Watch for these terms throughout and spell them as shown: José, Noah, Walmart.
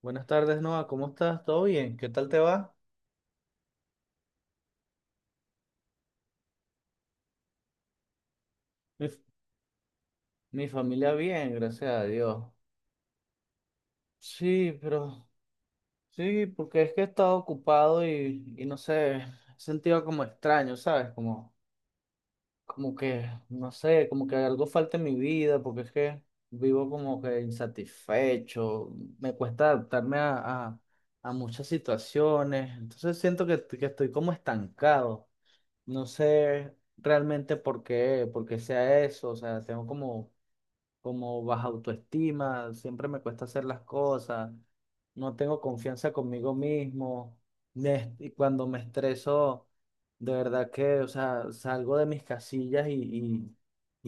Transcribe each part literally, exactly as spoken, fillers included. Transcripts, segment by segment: Buenas tardes, Noah. ¿Cómo estás? ¿Todo bien? ¿Qué tal te va? Mi, f- Mi familia bien, gracias a Dios. Sí, pero sí, porque es que he estado ocupado y, y no sé, he sentido como extraño, ¿sabes? Como, como que, no sé, como que algo falta en mi vida, porque es que vivo como que insatisfecho, me cuesta adaptarme a, a, a muchas situaciones, entonces siento que, que estoy como estancado. No sé realmente por qué, por qué sea eso, o sea, tengo como, como baja autoestima, siempre me cuesta hacer las cosas, no tengo confianza conmigo mismo, me est- y cuando me estreso, de verdad que, o sea, salgo de mis casillas y, y,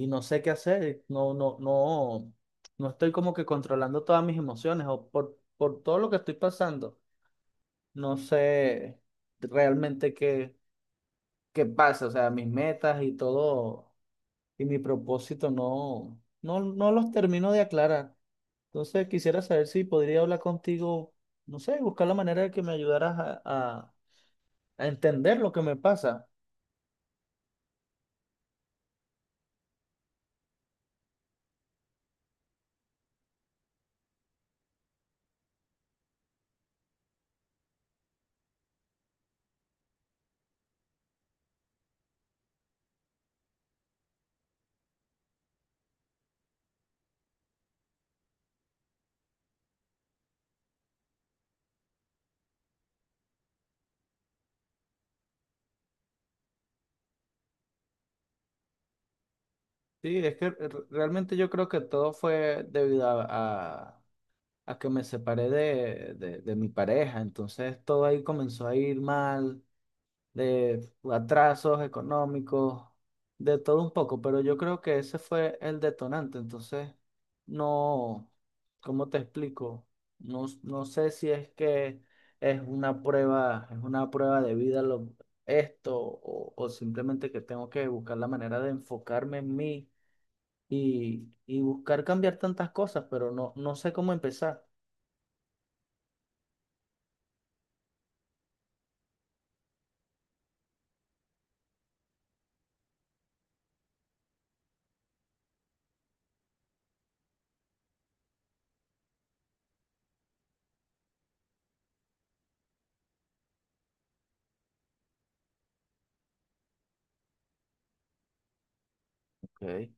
y no sé qué hacer, no, no, no, no estoy como que controlando todas mis emociones o por, por todo lo que estoy pasando, no sé realmente qué. ¿Qué pasa? O sea, mis metas y todo y mi propósito no, no, no los termino de aclarar. Entonces quisiera saber si podría hablar contigo, no sé, buscar la manera de que me ayudaras a, a- a entender lo que me pasa. Sí, es que re- realmente yo creo que todo fue debido a, a- a que me separé de, de de mi pareja. Entonces todo ahí comenzó a ir mal, de atrasos económicos, de todo un poco, pero yo creo que ese fue el detonante, entonces no, ¿cómo te explico? No, no sé si es que es una prueba, es una prueba de vida lo, esto o, o simplemente que tengo que buscar la manera de enfocarme en mí y, y buscar cambiar tantas cosas, pero no, no sé cómo empezar. Ok.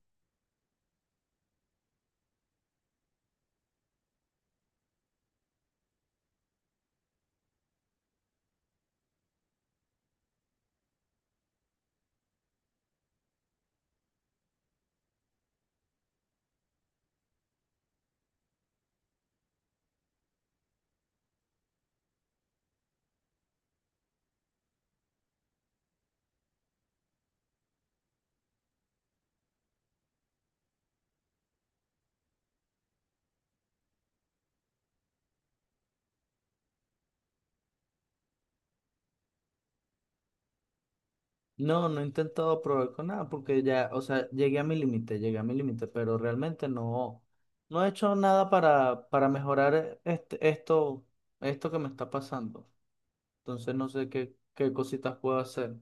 No, no he intentado probar con nada porque ya, o sea, llegué a mi límite, llegué a mi límite, pero realmente no, no he hecho nada para, para mejorar este, esto, esto que me está pasando. Entonces no sé qué, qué cositas puedo hacer.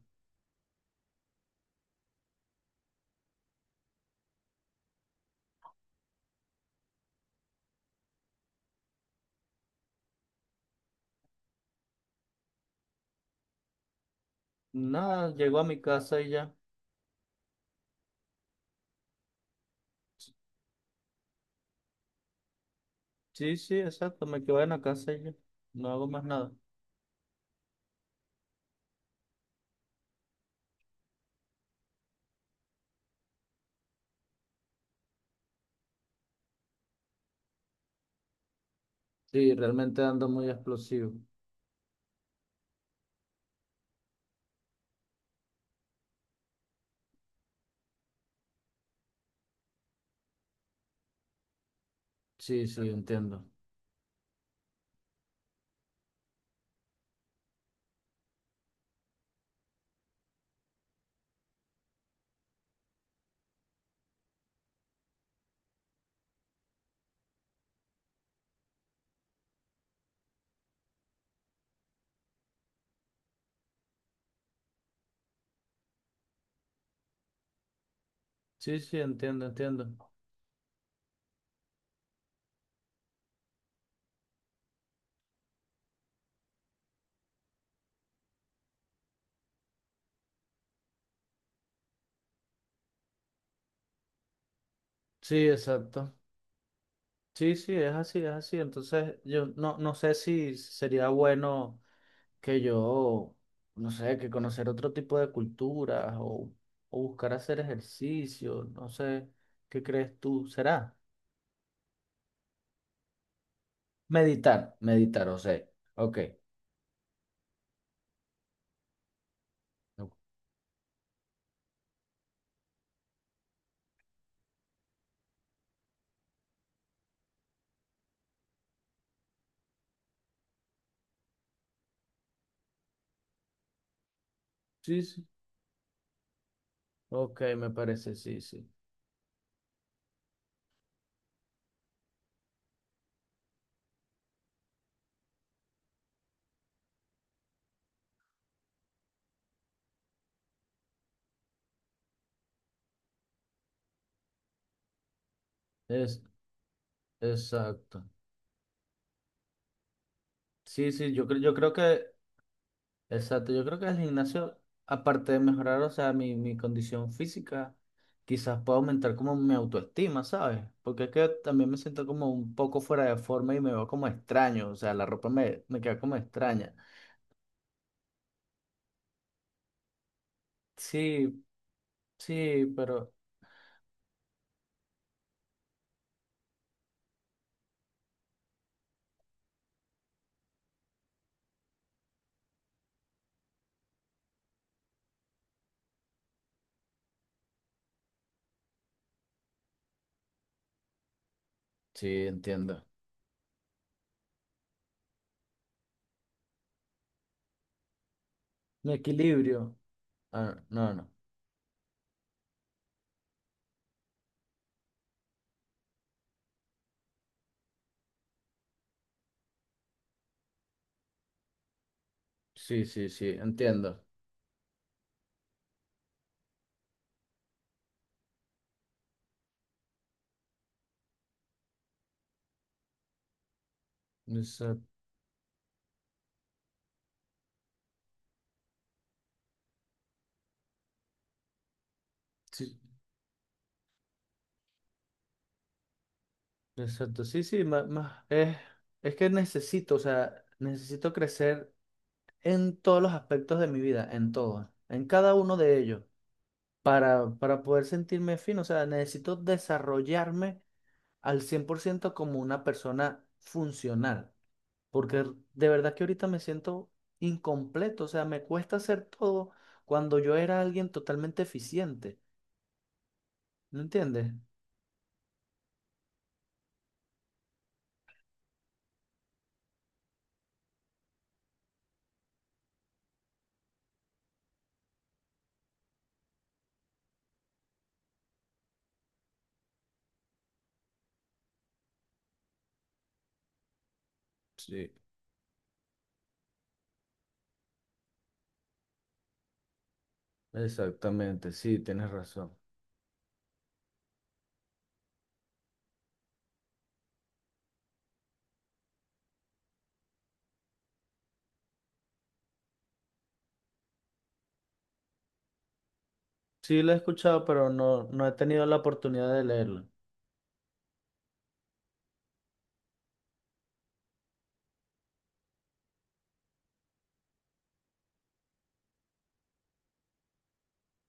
Nada, llego a mi casa y ya. Sí, sí, exacto, me quedo en la casa y ya. No hago más nada. Sí, realmente ando muy explosivo. Sí, sí, entiendo. Sí, sí, entiendo, entiendo. Sí, exacto. Sí, sí, es así, es así. Entonces, yo no, no sé si sería bueno que yo, no sé, que conocer otro tipo de culturas o, o buscar hacer ejercicio, no sé, ¿qué crees tú? ¿Será? Meditar, meditar, o sea, ok. Sí, sí. Ok, me parece, sí, sí. Es exacto. Sí, sí, yo, cre- yo creo que exacto, yo creo que el gimnasio, aparte de mejorar, o sea, mi, mi condición física, quizás pueda aumentar como mi autoestima, ¿sabes? Porque es que también me siento como un poco fuera de forma y me veo como extraño, o sea, la ropa me, me queda como extraña. Sí, sí, pero sí, entiendo. Mi equilibrio. Ah, no, no. Sí, sí, sí, entiendo. Exacto, sí, exacto. Sí, sí, ma- ma- es, es que necesito, o sea, necesito crecer en todos los aspectos de mi vida, en todos, en cada uno de ellos, para, para poder sentirme fino. O sea, necesito desarrollarme al cien por ciento como una persona funcional, porque r- de verdad que ahorita me siento incompleto, o sea, me cuesta hacer todo cuando yo era alguien totalmente eficiente, ¿me entiendes? Sí, exactamente, sí, tienes razón. Sí, lo he escuchado, pero no, no he tenido la oportunidad de leerlo.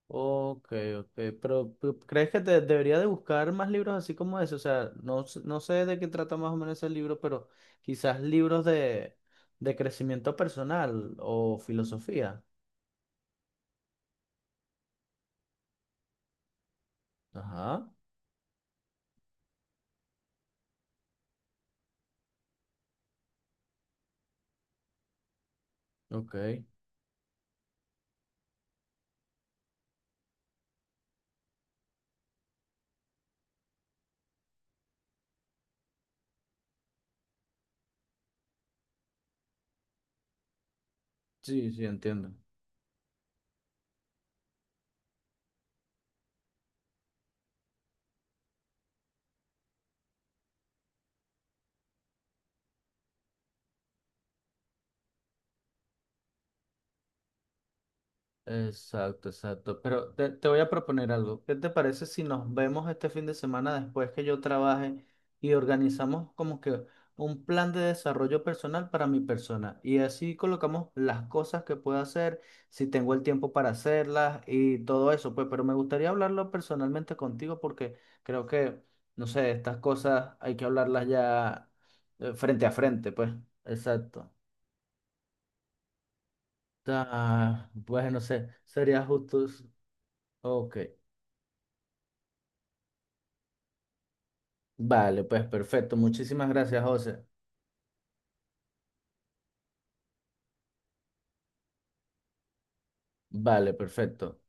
Ok, ok, pero, pero ¿crees que te debería de buscar más libros así como ese? O sea, no, s- no sé de qué trata más o menos ese libro, pero quizás libros de, de crecimiento personal o filosofía. Ajá, ok. Sí, sí, entiendo. Exacto, exacto. Pero te, te voy a proponer algo. ¿Qué te parece si nos vemos este fin de semana después que yo trabaje y organizamos como que un plan de desarrollo personal para mi persona? Y así colocamos las cosas que puedo hacer, si tengo el tiempo para hacerlas y todo eso. Pues, pero me gustaría hablarlo personalmente contigo porque creo que, no sé, estas cosas hay que hablarlas ya, eh, frente a frente, pues. Exacto. Ah, pues no sé, sería justo. Ok. Vale, pues perfecto. Muchísimas gracias, José. Vale, perfecto.